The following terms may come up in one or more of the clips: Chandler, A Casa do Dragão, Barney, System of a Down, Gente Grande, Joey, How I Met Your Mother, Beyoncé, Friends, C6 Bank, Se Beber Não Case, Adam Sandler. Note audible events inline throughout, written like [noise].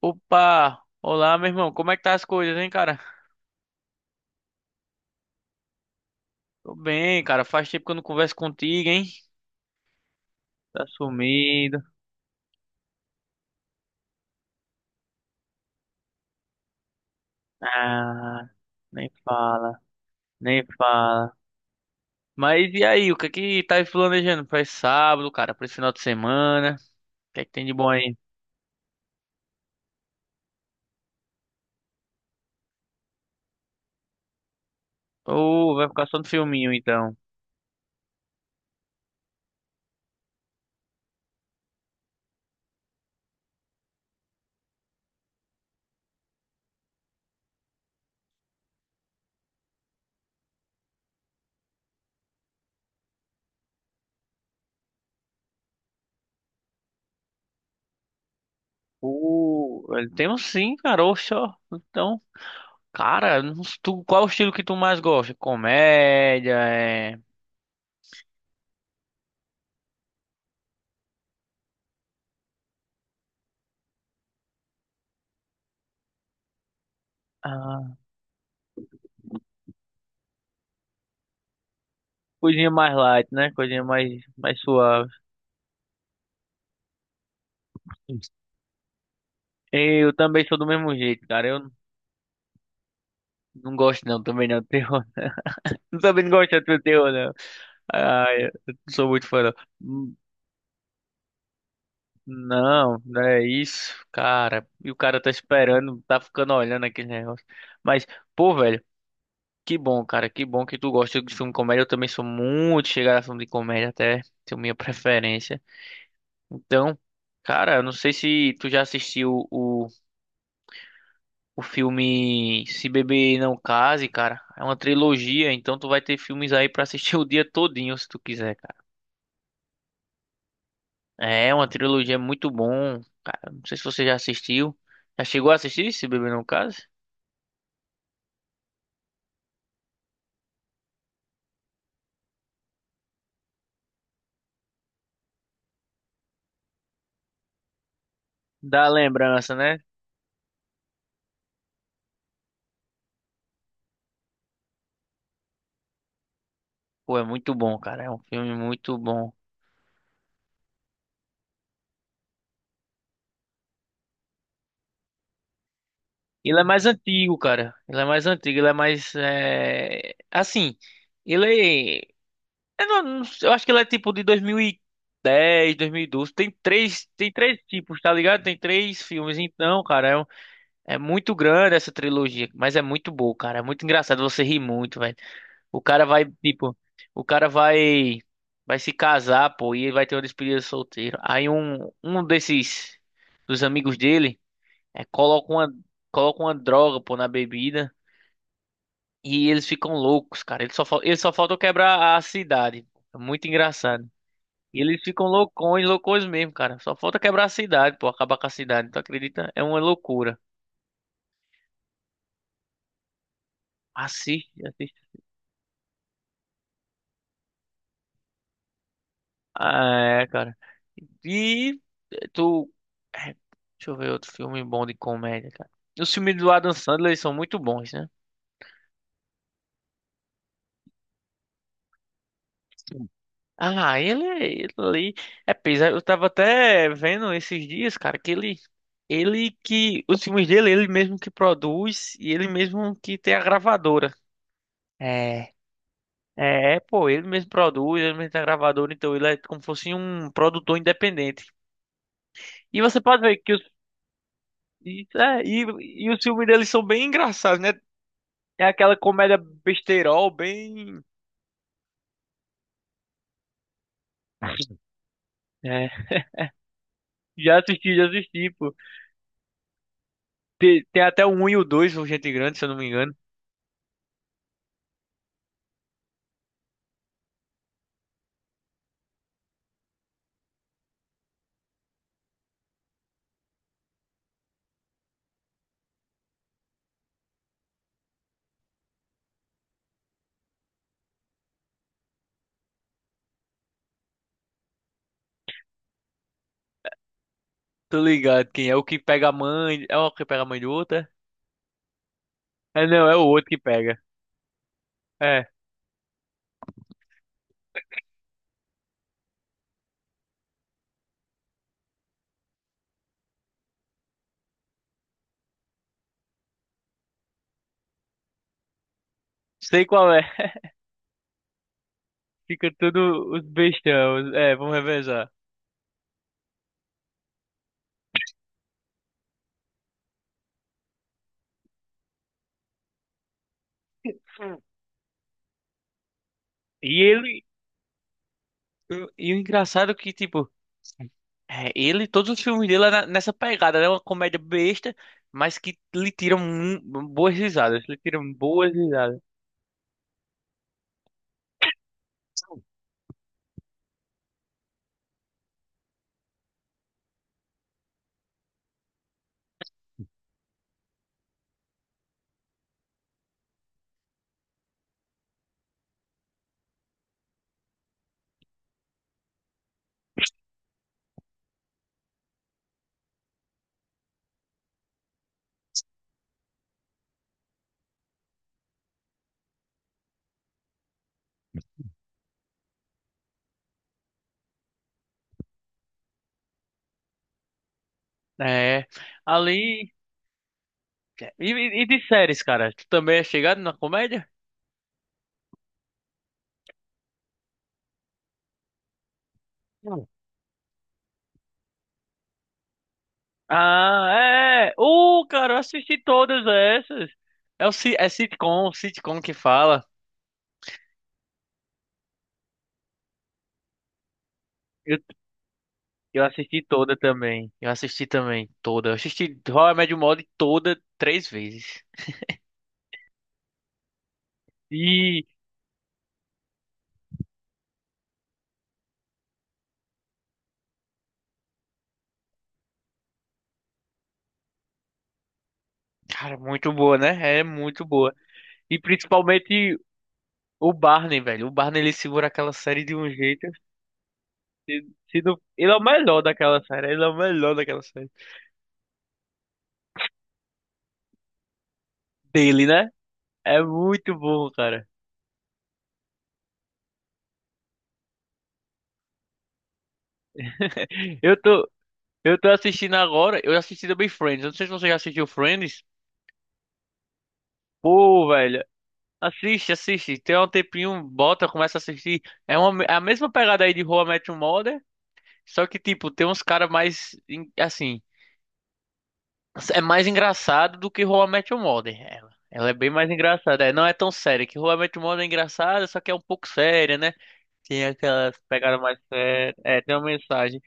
Opa! Olá, meu irmão. Como é que tá as coisas, hein, cara? Tô bem, cara. Faz tempo que eu não converso contigo, hein? Tá sumido. Ah, nem fala, nem fala. Mas e aí, o que é que tá planejando pra esse sábado, cara? Pra esse final de semana? O que é que tem de bom aí? Ô, vai ficar só no filminho, então. Uh, Temos sim, cara. Oxe, ó. Então, cara, não s- tu, qual é o estilo que tu mais gosta? Comédia, é... Ah, coisinha mais light, né? Coisinha mais, mais suave. Eu também sou do mesmo jeito, cara. Eu não gosto não, também não, do terror. [laughs] Não também não gosto de terror, não. Ai, eu não sou muito fã, não. Não, não é isso, cara. E o cara tá esperando, tá ficando olhando aquele negócio. Mas, pô, velho, que bom, cara. Que bom que tu gosta de filme de comédia. Eu também sou muito chegado a filme de comédia, até tenho minha preferência. Então, cara, eu não sei se tu já assistiu o. o filme Se Beber Não Case, cara. É uma trilogia, então tu vai ter filmes aí pra assistir [laughs] o dia todinho se tu quiser, cara. É uma trilogia muito bom, cara. Não sei se você já assistiu. Já chegou a assistir Se Beber Não Case? Dá lembrança, né? Pô, é muito bom, cara. É um filme muito bom. Ele é mais antigo, cara. Ele é mais antigo, ele é mais é... assim, ele é Eu, não sei, eu acho que ela é tipo de dois mil e dez, dois mil e doze. Tem três tipos, tá ligado? Tem três filmes. Então, cara, é muito grande essa trilogia, mas é muito boa, cara. É muito engraçado, você ri muito, velho. O cara vai, tipo, o cara vai vai se casar, pô, e ele vai ter uma despedida solteiro. Aí um desses dos amigos dele é, coloca uma coloca uma droga, pô, na bebida e eles ficam loucos, cara. Ele só falta quebrar a cidade. É muito engraçado. E eles ficam loucões, loucões mesmo, cara. Só falta quebrar a cidade, pô, acabar com a cidade. Tu acredita? É uma loucura. Assiste, assiste. Ah, é, cara. E tu. é, Deixa eu ver outro filme bom de comédia, cara. Os filmes do Adam Sandler eles são muito bons, né? Sim. Ah, ele ali é pesado. Eu tava até vendo esses dias, cara, ele que os filmes dele, ele mesmo que produz e ele mesmo que tem a gravadora. É. É, pô, ele mesmo produz, ele mesmo tá gravador, então ele é como se fosse um produtor independente. E você pode ver que os, e, é, e os filmes deles são bem engraçados, né? É aquela comédia besteirol, bem. É, já assisti, pô. Tem até o um e o 2 o Gente Grande, se eu não me engano. Tô ligado, quem é o que pega a mãe. É o que pega a mãe do outro, é? É, não, é o outro que pega. É, sei qual é. Fica tudo os bestão. É, vamos revezar. E ele. E o engraçado é que, tipo, todos os filmes dele é nessa pegada, né? Uma comédia besta, mas que boas risadas. Lhe tiram boas risadas. É. Ali. É, E, e de séries, cara? Tu também é chegado na comédia? Não. Ah, é. Cara, eu assisti todas essas. É é sitcom, sitcom que fala. Eu, eu assisti toda também. Eu assisti também, toda. Eu assisti How I Met Your Mother toda três vezes. E Cara, muito boa, né? É muito boa. E principalmente o Barney, velho. O Barney ele segura aquela série de um jeito. Se, se não- Ele é o melhor daquela série. Ele é o melhor daquela série. Dele, né? É muito bom, cara. [laughs] Eu tô, eu tô assistindo agora. Eu assisti também Friends. Eu não sei se você já assistiu Friends. Pô, velho. Assiste, assiste. Tem um tempinho, bota, começa a assistir. É a mesma pegada aí de How I Met Your Mother. Só que, tipo, tem uns caras mais, assim. É mais engraçado do que How I Met Your Mother. Ela é bem mais engraçada. É, não é tão séria. Que How I Met Your Mother é engraçada, só que é um pouco séria, né? Tem aquelas pegadas mais sérias. É, tem uma mensagem.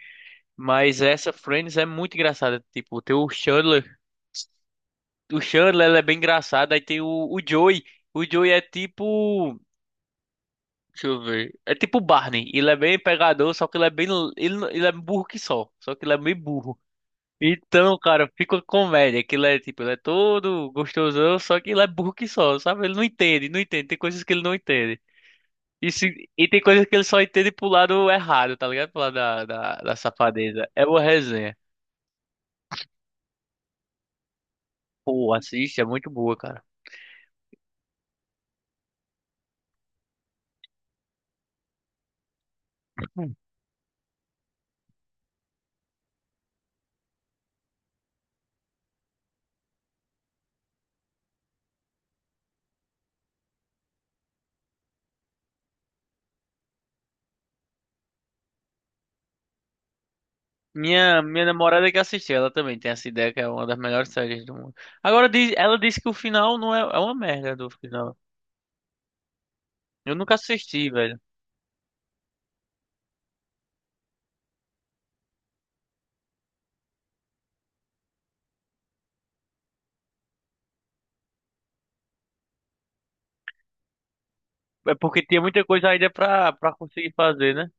Mas essa Friends é muito engraçada. Tipo, tem o Chandler. O Chandler, ela é bem engraçado. Aí tem o Joey. O Joey é tipo. Deixa eu ver. É tipo o Barney. Ele é bem pegador, só que ele é bem. Ele é burro que só. Só que ele é meio burro. Então, cara, fica uma comédia. Aquilo é tipo, ele é todo gostosão, só que ele é burro que só, sabe? Ele não entende, não entende. Tem coisas que ele não entende. E, se- e tem coisas que ele só entende pro lado errado, tá ligado? Pro lado da safadeza. É uma resenha. Pô, assiste, é muito boa, cara. Hum. Minha namorada é que assistiu, ela também tem essa ideia que é uma das melhores séries do mundo. Agora, ela disse que o final não é, é uma merda do final. Eu nunca assisti, velho. É porque tinha muita coisa ainda pra conseguir fazer, né?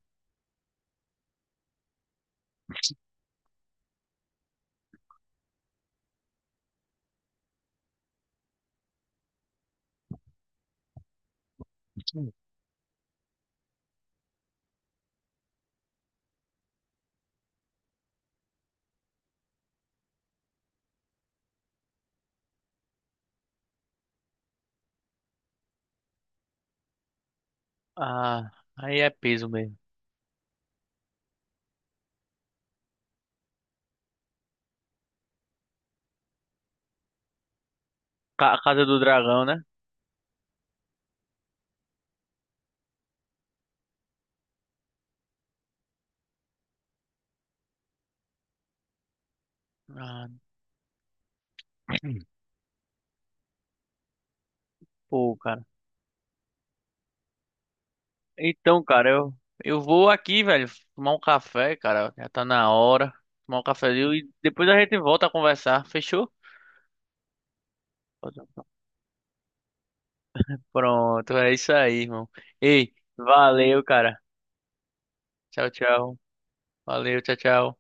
Ah, aí é peso mesmo. A Casa do Dragão, né? Ah, pô, cara. Então, cara, eu, eu vou aqui, velho, tomar um café, cara. Já tá na hora. Tomar um cafezinho e depois a gente volta a conversar. Fechou? Pronto, é isso aí, irmão. Ei, valeu, cara. Tchau, tchau. Valeu, tchau, tchau.